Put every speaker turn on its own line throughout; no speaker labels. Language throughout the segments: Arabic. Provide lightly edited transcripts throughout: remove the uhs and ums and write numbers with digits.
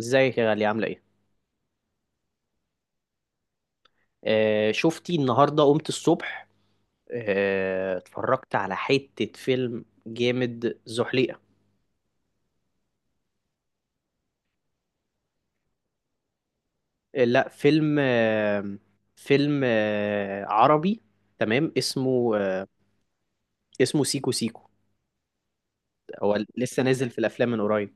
ازيك يا غالية، عاملة ايه؟ آه، شفتي النهاردة قمت الصبح، اتفرجت على حتة فيلم جامد، زحليقة. لا، فيلم، فيلم عربي تمام. اسمه، اسمه سيكو سيكو، هو لسه نازل في الأفلام من قريب.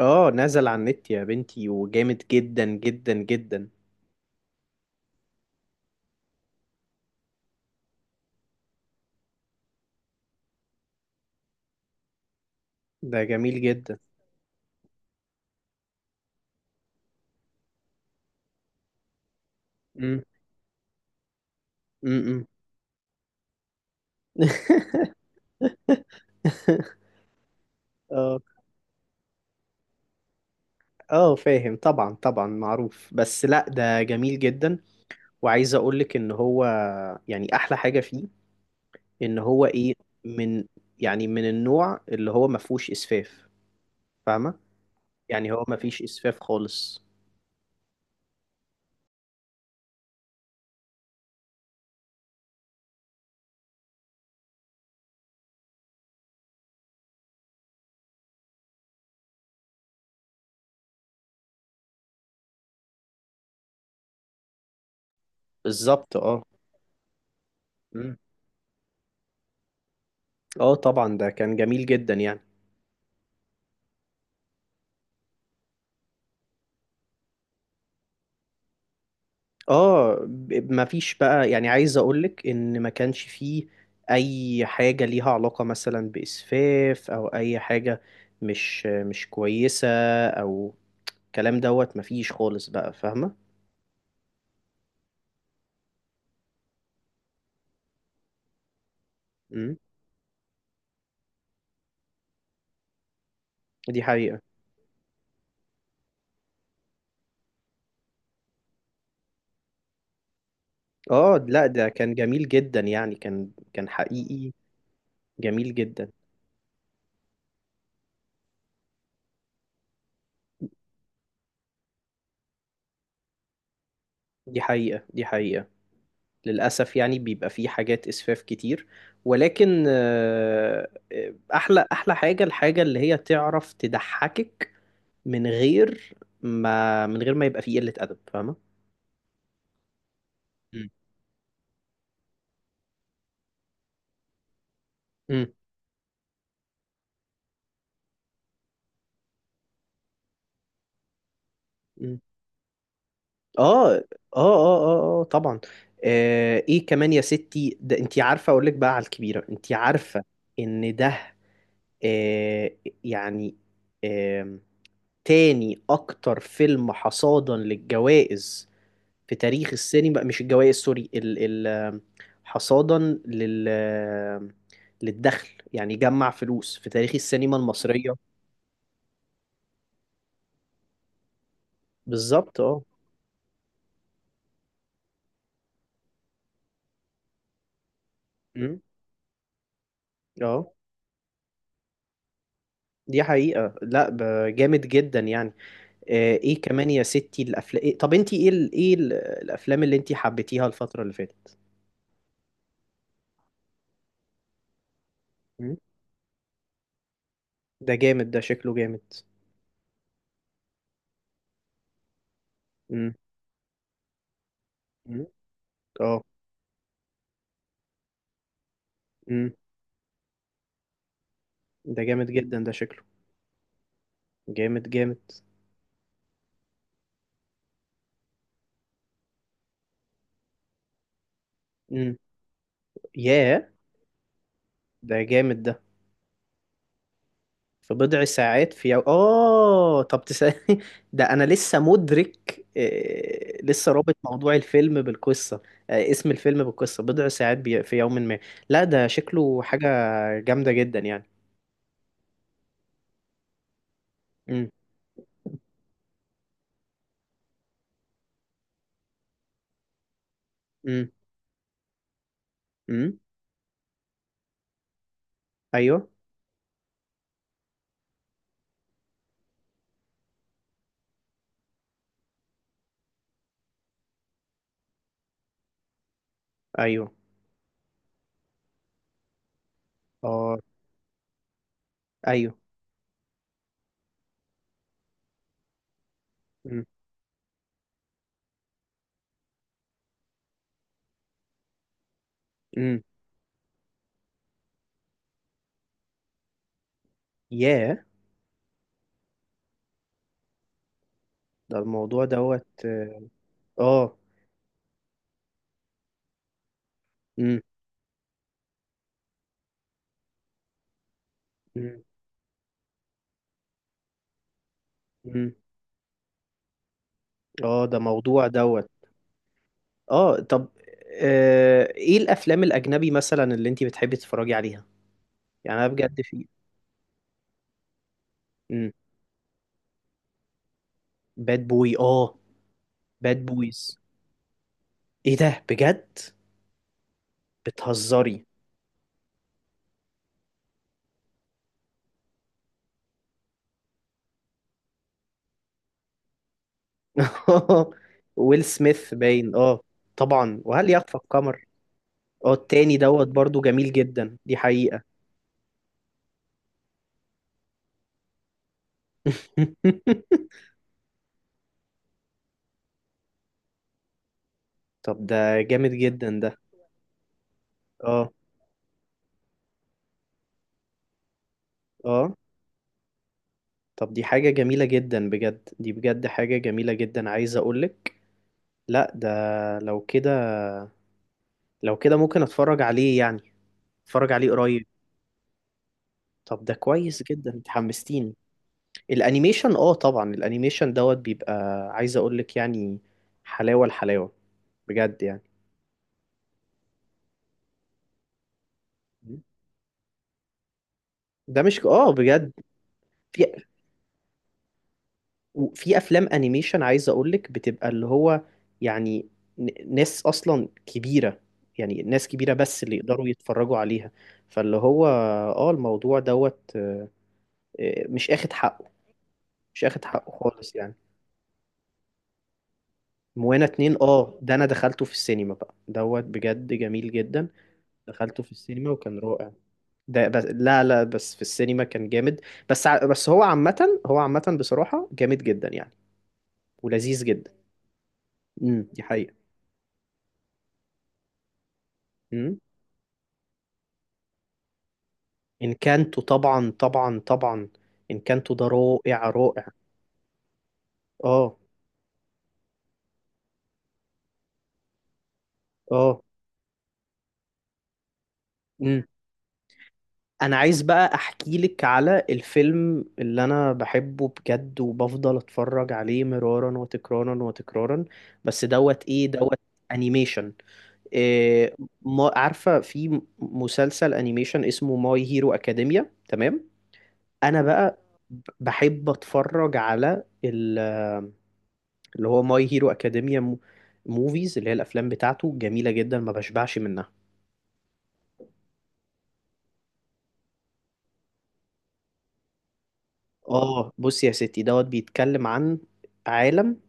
اه، نزل على النت يا بنتي، وجامد جدا جدا جدا. ده جميل جدا. امم، امم. اه اه، فاهم. طبعا طبعا، معروف. بس لا، ده جميل جدا. وعايز اقولك ان هو يعني احلى حاجة فيه ان هو ايه؟ من، يعني من النوع اللي هو ما فيهوش اسفاف، فاهمة؟ يعني هو ما فيش اسفاف خالص. بالظبط اه. مم. اه طبعا، ده كان جميل جدا يعني. اه، ما فيش بقى، يعني عايز اقولك ان ما كانش فيه اي حاجة ليها علاقة مثلا باسفاف او اي حاجة مش كويسة، او الكلام دوت ما فيش خالص بقى، فاهمة؟ مم. دي حقيقة. اه لا، ده كان جميل جدا يعني، كان حقيقي. جميل جدا. دي حقيقة، دي حقيقة. للأسف يعني بيبقى فيه حاجات إسفاف كتير، ولكن أحلى حاجة، الحاجة اللي هي تعرف تضحكك من غير ما، يبقى فيه قلة أدب، فاهمة؟ مم. مم. مم. اه اه اه اه اه، طبعا. ايه كمان يا ستي؟ ده انتي عارفه اقول لك بقى على الكبيره، انتي عارفه ان ده، آه، يعني، آم، تاني أكتر فيلم حصادا للجوائز في تاريخ السينما، مش الجوائز سوري، ال ال آم، حصادا لل آم، للدخل، يعني جمع فلوس في تاريخ السينما المصرية. بالظبط اه. أمم، اه. دي حقيقة. لا جامد جدا يعني. ايه كمان يا ستي، الافلام إيه؟ طب انتي ايه ايه الافلام اللي انتي حبيتيها الفترة اللي فاتت؟ أمم، ده جامد، ده شكله جامد. أمم، أمم، اه. امم، ده جامد جدا، ده شكله جامد جامد. امم ياه، ده جامد ده. في بضع ساعات في اه طب تسألني. ده انا لسه مدرك، لسه رابط موضوع الفيلم بالقصة، اسم الفيلم بالقصة بضع ساعات في يوم ما. لا ده شكله حاجة جامدة جدا يعني. امم، امم، امم. ايوه، ايوه، اه، ايوه. امم، امم، ياه، ده الموضوع دوت. اه. امم، امم، اه، ده موضوع دوت. اه. طب، ايه الافلام الاجنبي مثلا اللي انتي بتحبي تتفرجي عليها؟ يعني انا بجد في، امم باد بوي. اه، باد بويز! ايه ده؟ بجد؟ بتهزري؟ ويل سميث باين، اه. طبعا، وهل يخفى القمر؟ اه، التاني دوت برضو جميل جدا، دي حقيقة. طب ده جامد جدا ده، اه اه. طب دي حاجة جميلة جدا بجد، دي بجد حاجة جميلة جدا عايز اقولك. لا ده، لو كده، لو كده ممكن اتفرج عليه يعني، اتفرج عليه قريب. طب ده كويس جدا، انت حمستيني. الانيميشن، اه طبعا، الانيميشن دوت بيبقى، عايز اقول لك يعني، حلاوة الحلاوة، بجد يعني. ده مش، اه بجد، في، في افلام انيميشن عايز اقول لك بتبقى اللي هو، يعني، ناس اصلا كبيرة، يعني ناس كبيرة بس اللي يقدروا يتفرجوا عليها. فاللي هو اه الموضوع دوت، مش اخد حقه، مش اخد حقه خالص يعني. موانا اتنين، اه ده انا دخلته في السينما بقى دوت، بجد جميل جدا. دخلته في السينما وكان رائع، ده بس لا لا، بس في السينما كان جامد. بس هو عامة، هو عامة بصراحة جامد جدا يعني، ولذيذ جدا. امم، دي حقيقة. امم. ان كانتو، طبعا طبعا طبعا، ان كانتو ده رائع رائع. اه، اه. امم. انا عايز بقى احكي لك على الفيلم اللي انا بحبه بجد وبفضل اتفرج عليه مرارا وتكرارا وتكرارا، بس دوت ايه دوت؟ انيميشن. إيه ما عارفة في مسلسل انيميشن اسمه ماي هيرو اكاديميا، تمام؟ انا بقى، بحب اتفرج على اللي هو ماي هيرو اكاديميا موفيز، اللي هي الافلام بتاعته جميلة جدا، ما بشبعش منها. اه بص يا ستي، دوت بيتكلم عن، عالم،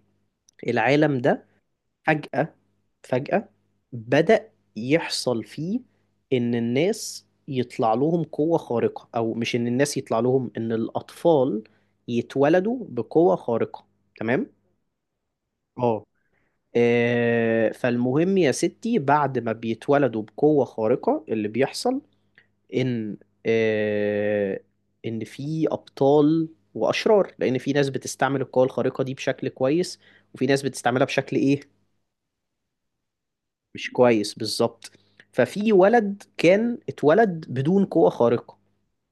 العالم ده فجأة، فجأة بدأ يحصل فيه إن الناس يطلع لهم قوة خارقة، أو مش إن الناس يطلع لهم، إن الأطفال يتولدوا بقوة خارقة، تمام؟ اه، فالمهم يا ستي، بعد ما بيتولدوا بقوة خارقة، اللي بيحصل إن، آه، إن في أبطال وأشرار، لأن في ناس بتستعمل القوة الخارقة دي بشكل كويس، وفي ناس بتستعملها بشكل إيه؟ مش كويس بالظبط. ففي ولد كان اتولد بدون قوة خارقة،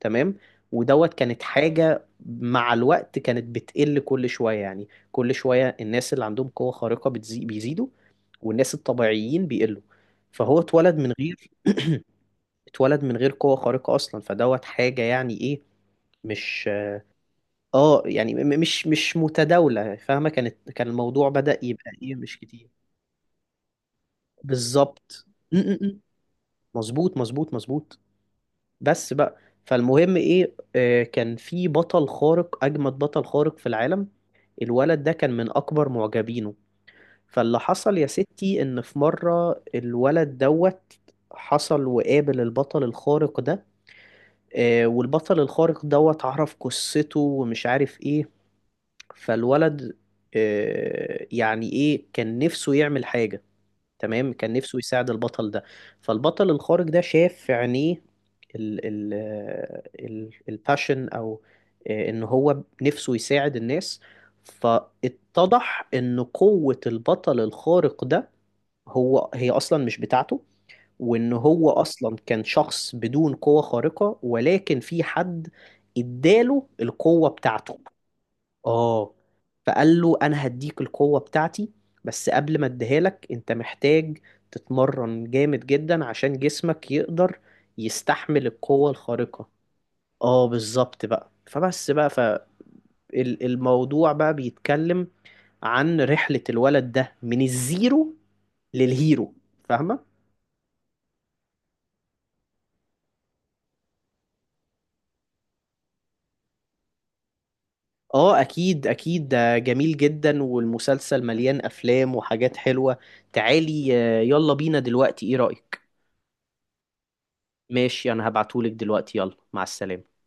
تمام. ودوت كانت حاجة مع الوقت كانت بتقل، كل شوية يعني، كل شوية الناس اللي عندهم قوة خارقة بيزيدوا، والناس الطبيعيين بيقلوا. فهو اتولد من غير، اتولد من غير قوة خارقة أصلا، فدوت حاجة يعني إيه؟ مش، اه يعني، مش متداولة، فاهمة؟ كانت، كان الموضوع بدأ يبقى إيه، مش كتير. بالظبط. م- م- م. مظبوط مظبوط مظبوط. بس بقى، فالمهم ايه، كان في بطل خارق، اجمد بطل خارق في العالم، الولد ده كان من اكبر معجبينه. فاللي حصل يا ستي ان في مرة الولد دوت حصل وقابل البطل الخارق ده، والبطل الخارق دوت عرف قصته ومش عارف ايه، فالولد، يعني ايه، كان نفسه يعمل حاجة، تمام، كان نفسه يساعد البطل ده. فالبطل الخارق ده شاف في عينيه ال ال ال الباشن، او ان هو نفسه يساعد الناس. فاتضح ان قوة البطل الخارق ده، هي اصلا مش بتاعته، وان هو اصلا كان شخص بدون قوة خارقة، ولكن في حد اداله القوة بتاعته. اه. فقال له انا هديك القوة بتاعتي، بس قبل ما اديها لك انت محتاج تتمرن جامد جدا عشان جسمك يقدر يستحمل القوة الخارقة. اه بالظبط بقى، فبس بقى فالموضوع بقى بيتكلم عن رحلة الولد ده من الزيرو للهيرو، فاهمة؟ اه اكيد اكيد، ده جميل جدا، والمسلسل مليان افلام وحاجات حلوة. تعالي، يلا بينا دلوقتي، ايه رأيك؟ ماشي، انا هبعتهولك دلوقتي، يلا مع السلامة.